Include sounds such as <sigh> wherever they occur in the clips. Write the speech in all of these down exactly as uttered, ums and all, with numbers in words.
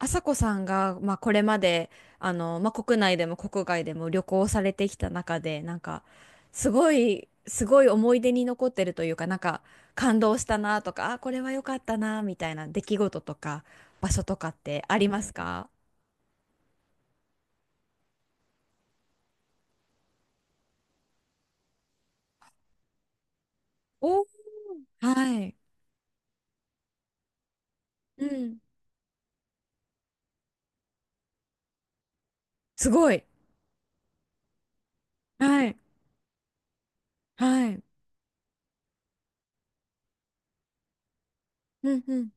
朝子さんが、まあ、これまであの、まあ、国内でも国外でも旅行されてきた中で、なんかすごいすごい思い出に残ってるというか、なんか感動したなとか、あ、これは良かったなみたいな出来事とか場所とかってありますか？お、はい。うん。すごい。はい。はい。うんうん。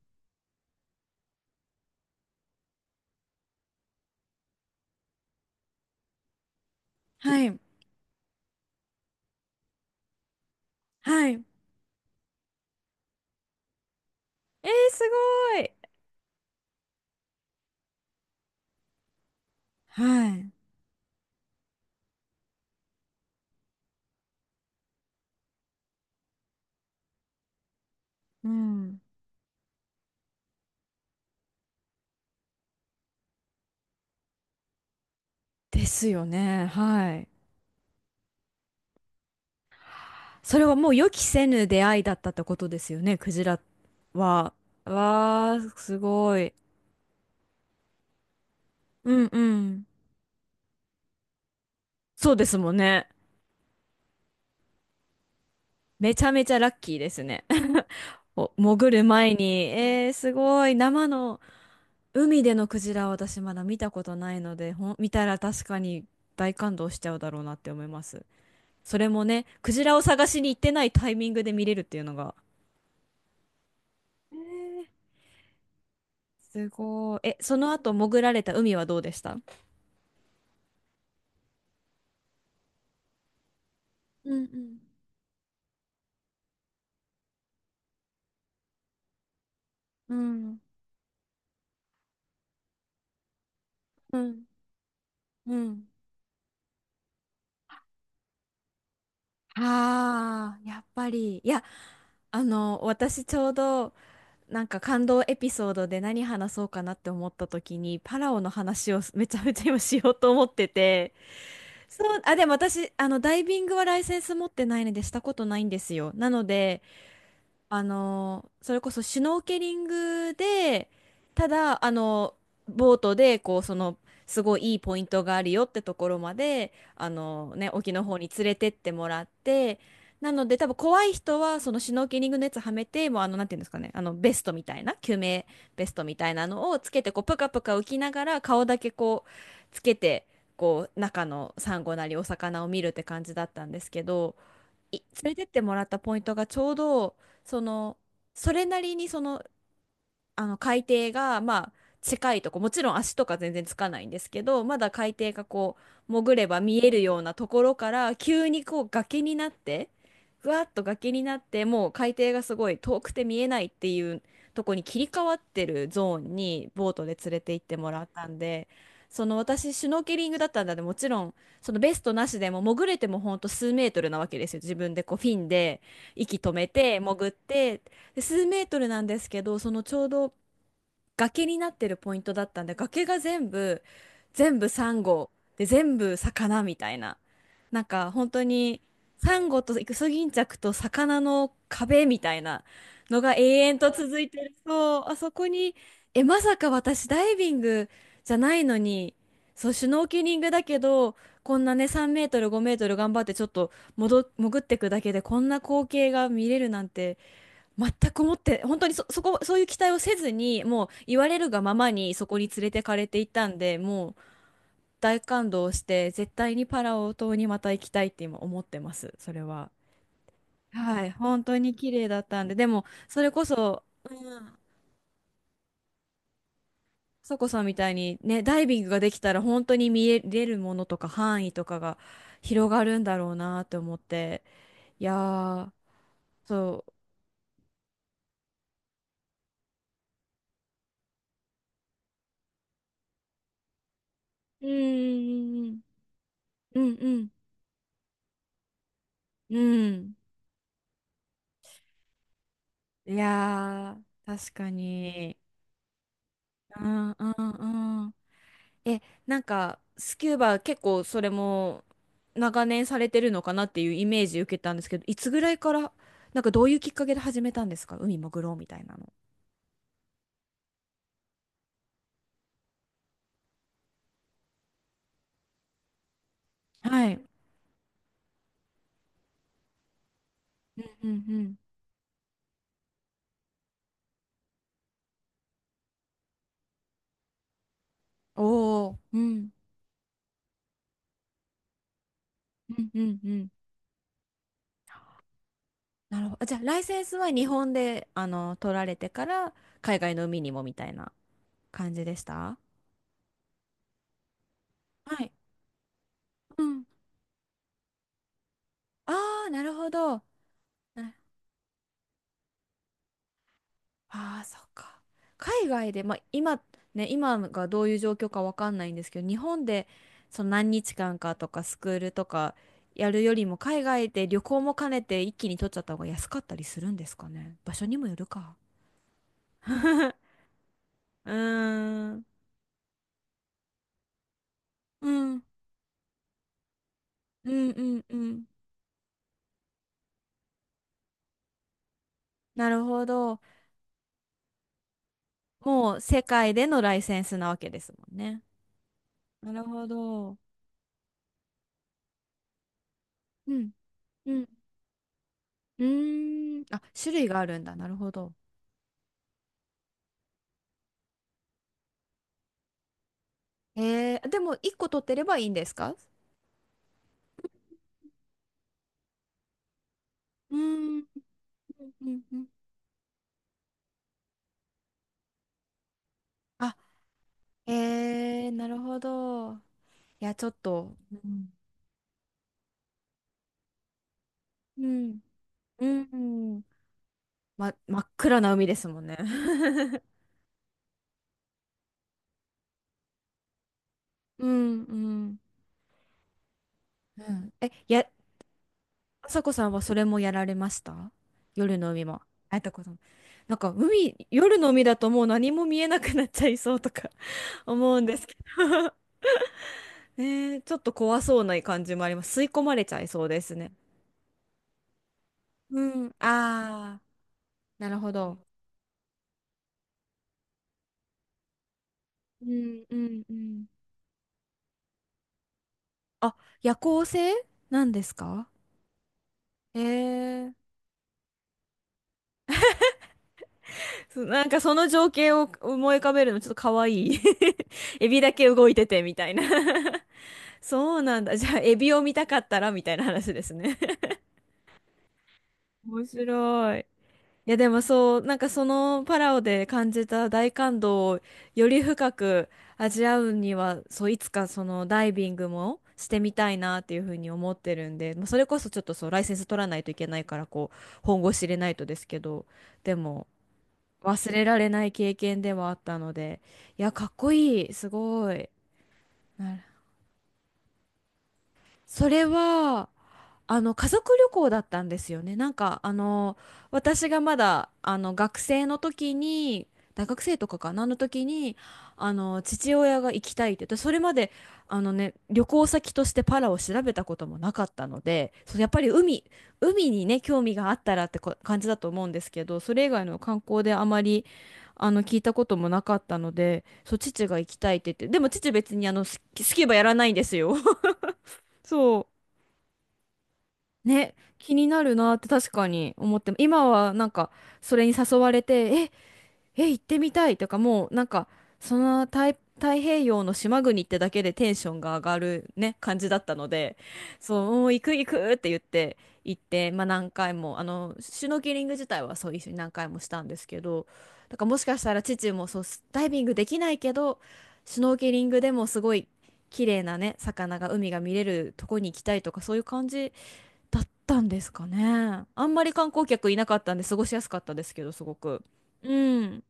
はい。はい。えー、すごい。はい。うん。ですよね。はい。それはもう予期せぬ出会いだったってことですよね、クジラは。わー、すごい。うんうん。そうですもんね。めちゃめちゃラッキーですね。<laughs> お潜る前に、えー、すごい。生の海でのクジラは私まだ見たことないので、ほん、見たら確かに大感動しちゃうだろうなって思います。それもね、クジラを探しに行ってないタイミングで見れるっていうのが。えー、すごい。え、その後潜られた海はどうでした？うんうん。うん、うん、うん。ああ、やっぱり。いや、あの、私ちょうど、なんか感動エピソードで何話そうかなって思った時に、パラオの話を <laughs> めちゃめちゃ今しようと思ってて。そう、あ、でも私、あの、ダイビングはライセンス持ってないのでしたことないんですよ。なので、あのそれこそシュノーケリングで、ただあのボートでこう、その、すごいいいポイントがあるよってところまで、あの、ね、沖の方に連れてってもらって、なので多分怖い人はそのシュノーケリングのやつはめて、もうあのなんていうんですかね、あのベストみたいな救命ベストみたいなのをつけてこうプカプカ浮きながら、顔だけこうつけて、こう中のサンゴなりお魚を見るって感じだったんですけど。い連れてってもらったポイントがちょうど、その、それなりにその、あの海底がまあ近いとこ、もちろん足とか全然つかないんですけど、まだ海底がこう潜れば見えるようなところから、急にこう崖になって、ふわっと崖になって、もう海底がすごい遠くて見えないっていうとこに切り替わってるゾーンにボートで連れて行ってもらったんで、その、私シュノーケリングだったんだで、もちろんそのベストなしでも潜れても、ほんと数メートルなわけですよ、自分でこうフィンで息止めて潜って、で数メートルなんですけど、そのちょうど崖になってるポイントだったんで、崖が全部、全部サンゴで、全部魚みたいな、なんか本当にサンゴとイクソギンチャクと魚の壁みたいなのが永遠と続いてる。そうあそこに、え、まさか私ダイビングじゃないのに、そうシュノーケリングだけど、こんなねさんメートルごメートル頑張ってちょっと戻潜ってくだけでこんな光景が見れるなんて全く思って、本当にそ、そこ、そういう期待をせずに、もう言われるがままにそこに連れてかれていったんで、もう大感動して、絶対にパラオ島にまた行きたいって今思ってます、それは。はい、本当に綺麗だったんで、でも、それこそ、うん、そこさんみたいにね、ダイビングができたら本当に見えれるものとか範囲とかが広がるんだろうなって思って、いやー、そう、うん、うん、うん、うん。うん、いやー、確かに。うんうんうん。え、なんか、スキューバ結構それも長年されてるのかなっていうイメージ受けたんですけど、いつぐらいから、なんかどういうきっかけで始めたんですか、海潜ろうみたいなの。はい。うんうん。お、お、うん。うんうんうん。なるほど。あ、じゃあ、ライセンスは日本で、あの、取られてから、海外の海にもみたいな感じでした？はい。うん。ああー、なるほど。なああ、そっか。海外で、まあ、今、ね、今がどういう状況かわかんないんですけど、日本でその何日間かとかスクールとかやるよりも、海外で旅行も兼ねて一気に取っちゃった方が安かったりするんですかね。場所にもよるか。<laughs> うーん。うん。うんうんうん。なるほど。もう世界でのライセンスなわけですもんね。なるほど。うん。うん。うーん。あ、種類があるんだ。なるほど。えー、でもいっこ取ってればいいんですか？うーん、うんうんうん、あ、えー、なるほど。いや、ちょっと、うん、うん、うん、ま、真っ暗な海ですもんね。<laughs> うん、うん。うん。え、や、あさこさんはそれもやられました？夜の海も。あったことも。なんか海、夜の海だともう何も見えなくなっちゃいそうとか <laughs> 思うんですけど。 <laughs> ねえ、ちょっと怖そうな感じもあります。吸い込まれちゃいそうですね。うん。ああ、なるほど。うんうんうん。あ、夜行性なんですか？ええ、そ、なんかその情景を思い浮かべるのちょっと可愛い。 <laughs> エビだけ動いててみたいな。 <laughs> そうなんだ。じゃあエビを見たかったらみたいな話ですね。 <laughs> 面白い。いやでもそう、なんかそのパラオで感じた大感動をより深く味わうには、そう、いつかそのダイビングもしてみたいなっていうふうに思ってるんで、まあ、それこそちょっと、そう、ライセンス取らないといけないからこう本腰入れないとですけど、でも忘れられない経験ではあったので、いや、かっこいい、すごい。なるそれはあの家族旅行だったんですよね。なんかあの私がまだあの学生の時に、大学生とかかなの時に、あの父親が行きたいって言って、それまであのね、旅行先としてパラを調べたこともなかったので、そう、やっぱり海海にね、興味があったらってこ感じだと思うんですけど、それ以外の観光であまりあの聞いたこともなかったので、そう父が行きたいって言って。でも父別にあのスキスキューバやらないんですよ。<laughs> そうね、気になるなって確かに思って、今はなんかそれに誘われて、え、え、行ってみたいとか、もうなんか、その太、太平洋の島国ってだけでテンションが上がるね、感じだったので、そう、もう行く行くって言って行って、まあ何回も、あの、シュノーケリング自体はそう一緒に何回もしたんですけど、だからもしかしたら父もそう、ダイビングできないけど、シュノーケリングでもすごい綺麗なね、魚が、海が見れるとこに行きたいとか、そういう感じだったんですかね。あんまり観光客いなかったんで過ごしやすかったですけど、すごく。うん。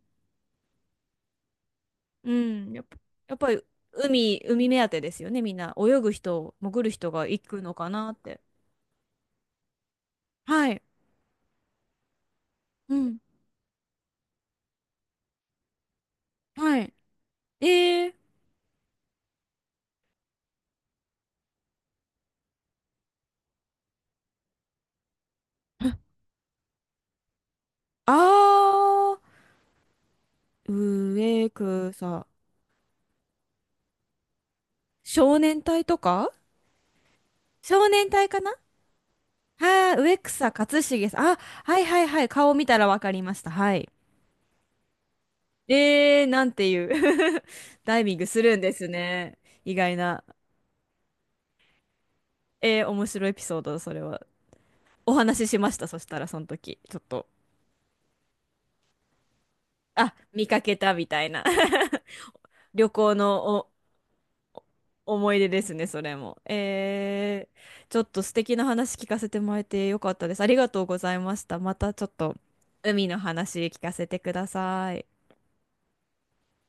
うん。やっぱ、やっぱり海、海目当てですよね、みんな。泳ぐ人、潜る人が行くのかなって。はい。うん。はい。えー、<laughs> あー、上草。少年隊とか。少年隊かな？はい、上草勝重さん。あ、はいはいはい。顔見たらわかりました。はい。えー、なんていう <laughs> ダイビングするんですね。意外な。えー、面白いエピソード、それは。お話ししました、そしたら、その時。ちょっと。あ、見かけたみたいな。<laughs> 旅行のお、お思い出ですね、それも。えー、ちょっと素敵な話聞かせてもらえてよかったです。ありがとうございました。またちょっと海の話聞かせてください。